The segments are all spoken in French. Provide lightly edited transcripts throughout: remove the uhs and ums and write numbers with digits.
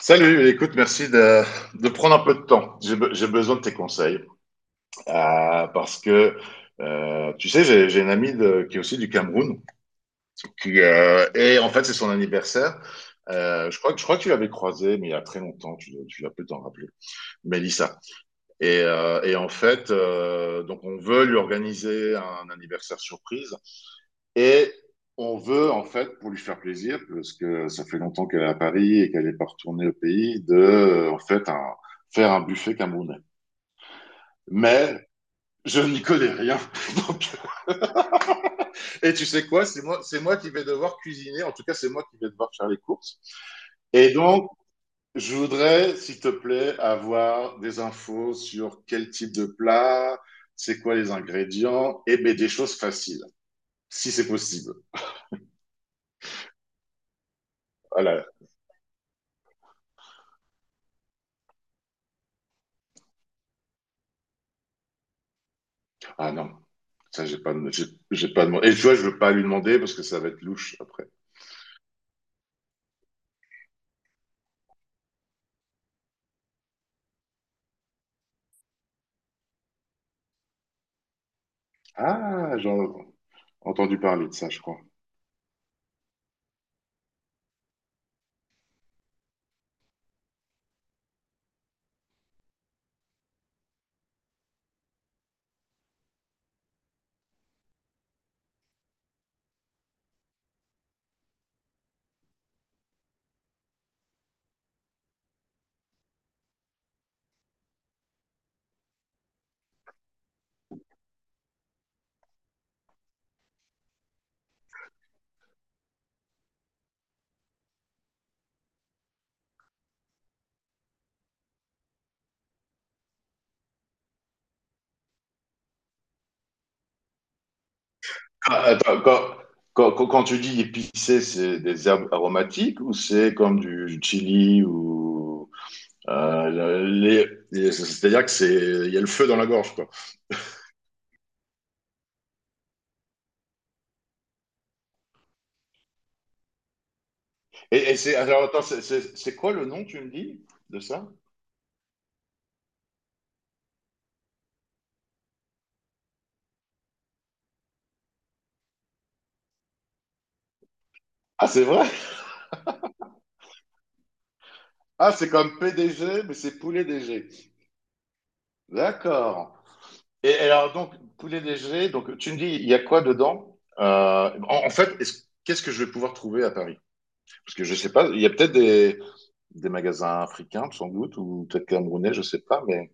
Salut, écoute, merci de prendre un peu de temps. J'ai besoin de tes conseils parce que, tu sais, j'ai une amie qui est aussi du Cameroun et en fait, c'est son anniversaire. Je crois que tu l'avais croisée, mais il y a très longtemps, tu l'as peut t'en rappeler, Mélissa. Et en fait, donc on veut lui organiser un anniversaire surprise et on veut, en fait, pour lui faire plaisir, parce que ça fait longtemps qu'elle est à Paris et qu'elle n'est pas retournée au pays, en fait, faire un buffet camerounais. Mais je n'y connais rien. Donc, Et tu sais quoi? C'est moi qui vais devoir cuisiner. En tout cas, c'est moi qui vais devoir faire les courses. Et donc, je voudrais, s'il te plaît, avoir des infos sur quel type de plat, c'est quoi les ingrédients, et ben, des choses faciles, si c'est possible. Voilà. Ah non, ça, j'ai pas demandé. Et tu vois, je veux pas lui demander parce que ça va être louche après. Ah, j'ai entendu parler de ça, je crois. Ah, attends, quand tu dis épicé, c'est des herbes aromatiques ou c'est comme du chili ou c'est-à-dire que c'est il y a le feu dans la gorge quoi. Et c'est alors attends, c'est quoi le nom tu me dis de ça? Ah, c'est vrai? Ah, c'est comme PDG, mais c'est poulet DG. D'accord. Et alors, donc, poulet léger, donc tu me dis, il y a quoi dedans? En fait, qu'est-ce que je vais pouvoir trouver à Paris? Parce que je sais pas, il y a peut-être des magasins africains, sans doute, ou peut-être camerounais, je sais pas, mais.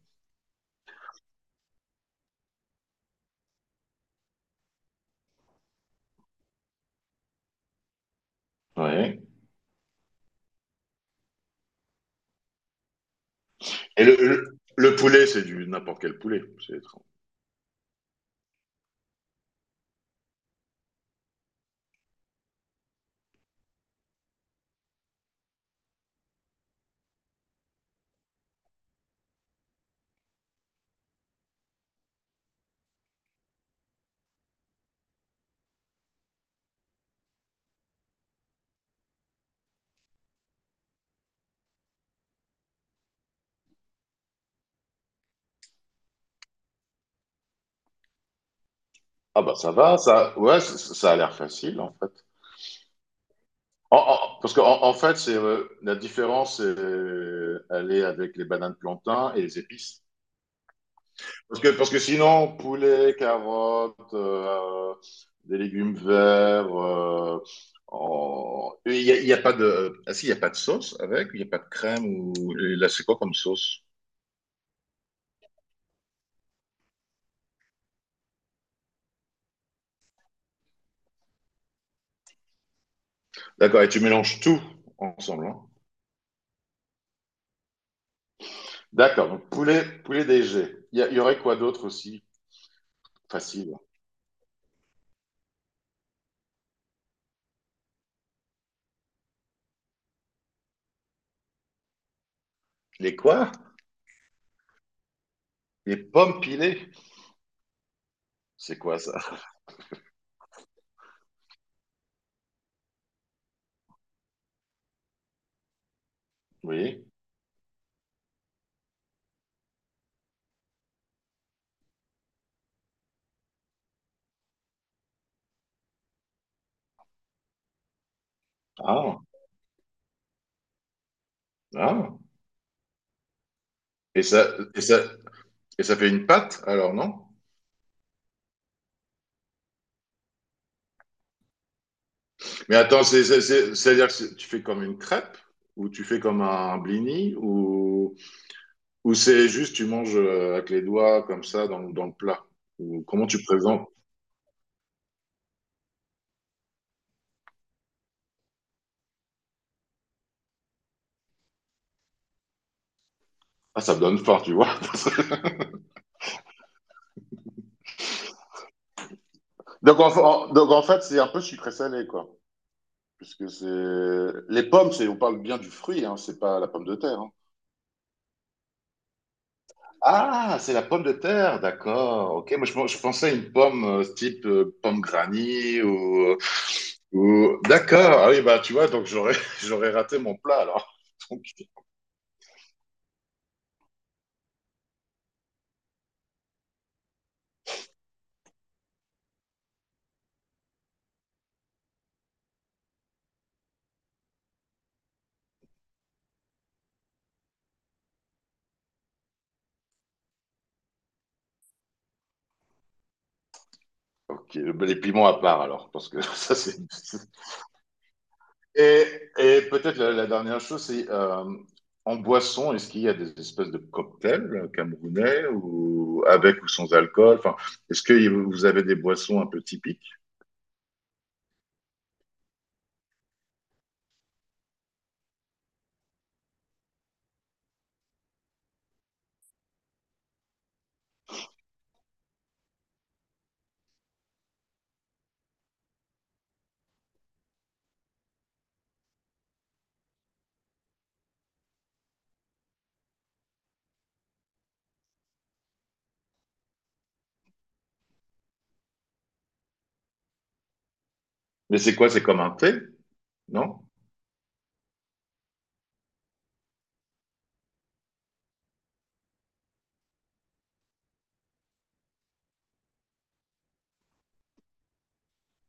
Ouais. Et le poulet, c'est du n'importe quel poulet. C'est- Ah bah ça va, ça, ouais, ça a l'air facile en fait. Parce qu'en en fait, c'est la différence, c'est, elle est avec les bananes plantains et les épices. Parce que sinon, poulet, carottes, des légumes verts, il y a pas de... Ah si, il n'y a pas de sauce avec, il n'y a pas de crème ou... Et là, c'est quoi comme sauce? D'accord, et tu mélanges tout ensemble, hein. D'accord, donc poulet, poulet DG. Il y aurait quoi d'autre aussi? Facile. Les quoi? Les pommes pilées. C'est quoi ça? Oui. Ah, ah. Et ça, et ça, et ça fait une pâte, alors, non? Mais attends, c'est-à-dire que tu fais comme une crêpe ou tu fais comme un blini ou c'est juste tu manges avec les doigts comme ça dans le plat ou comment tu présentes? Ah, ça me donne faim, tu vois. Donc en fait, c'est un peu sucré salé quoi, puisque c'est les pommes, c'est on parle bien du fruit, hein, c'est pas la pomme de terre, hein. Ah, c'est la pomme de terre, d'accord. Ok, moi je pensais à une pomme type pomme granny D'accord. Ah oui, bah tu vois, donc j'aurais j'aurais raté mon plat alors. Donc, ok, bah, les piments à part alors, parce que ça c'est. Et, et peut-être la dernière chose, c'est en boisson, est-ce qu'il y a des espèces de cocktails camerounais ou avec ou sans alcool? Enfin, est-ce que vous avez des boissons un peu typiques? Mais c'est quoi? C'est comme un thé? Non?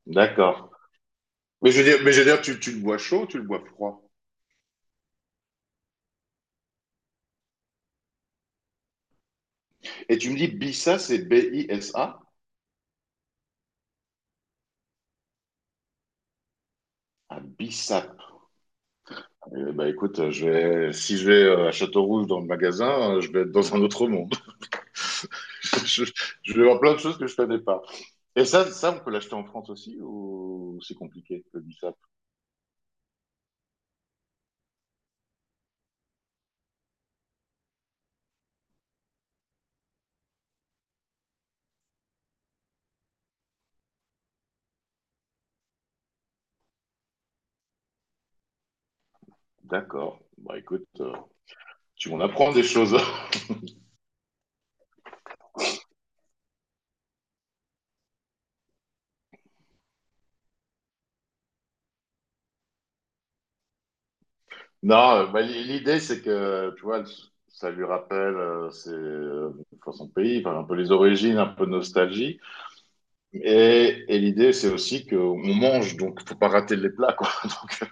D'accord. Mais je veux dire, tu le bois chaud, tu le bois froid. Et tu me dis Bissa, c'est BISA? Ah, Bissap. Eh ben, écoute, si je vais à Châteaurouge dans le magasin, je vais être dans un autre monde. Je, je vais voir plein de choses que je connais pas. Et ça on peut l'acheter en France aussi ou c'est compliqué, le Bissap? D'accord. Bah, écoute, tu m'en apprends des choses. Non, bah, l'idée, c'est que, tu vois, ça lui rappelle enfin, son pays, enfin, un peu les origines, un peu de nostalgie. Et l'idée, c'est aussi qu'on mange, donc il ne faut pas rater les plats, quoi.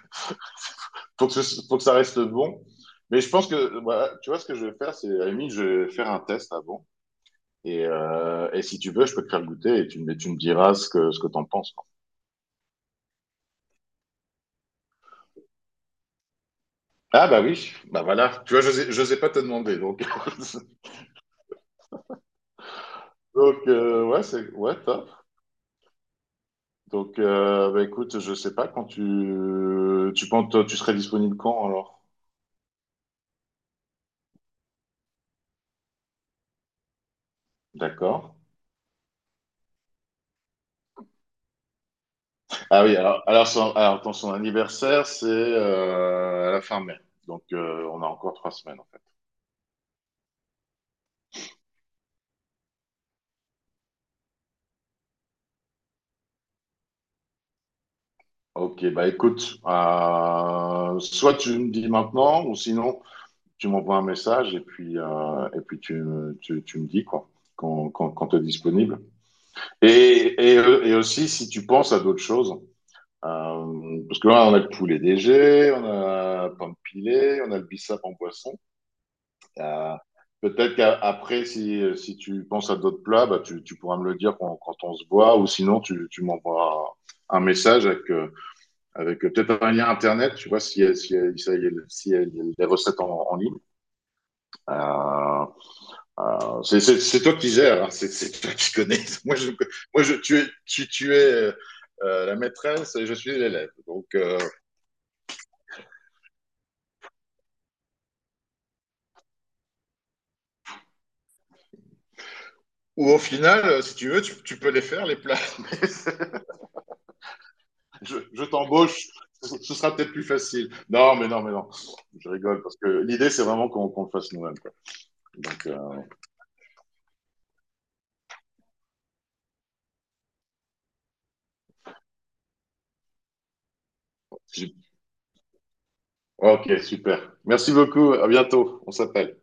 Donc, faut que ça reste bon. Mais je pense que, voilà, tu vois, ce que je vais faire, c'est, à la limite, je vais faire un test avant. Et si tu veux, je peux te faire goûter et tu me diras ce que t'en penses, quoi. Ah, bah oui, bah voilà. Tu vois, je sais pas te demander, donc. Donc, ouais, c'est, ouais, top. Donc, bah écoute, je sais pas quand tu penses, toi, tu serais disponible quand, alors? D'accord. Ah oui, alors, attends, son anniversaire, c'est à la fin mai. Donc, on a encore 3 semaines, en fait. Ok, bah écoute, soit tu me dis maintenant, ou sinon, tu m'envoies un message et puis tu me dis, quoi, quand tu es disponible. Et aussi, si tu penses à d'autres choses, parce que là, on a le poulet DG, on a Pampilé, on a le bissap en boisson. Euh, Peut-être qu'après, si tu penses à d'autres plats, bah, tu pourras me le dire quand on se voit, ou sinon tu m'envoies un message avec peut-être un lien internet, tu vois, si, les recettes en ligne. Euh, c'est toi qui gères, hein, c'est toi qui connais. Moi, je, moi je, tu es la maîtresse et je suis l'élève. Donc, ou au final, si tu veux, tu peux les faire, les plats. Je t'embauche, ce sera peut-être plus facile. Non, mais non, mais non, je rigole parce que l'idée, c'est vraiment qu'on le fasse nous-mêmes, quoi. Donc, j'ai- ok, super. Merci beaucoup, à bientôt, on s'appelle.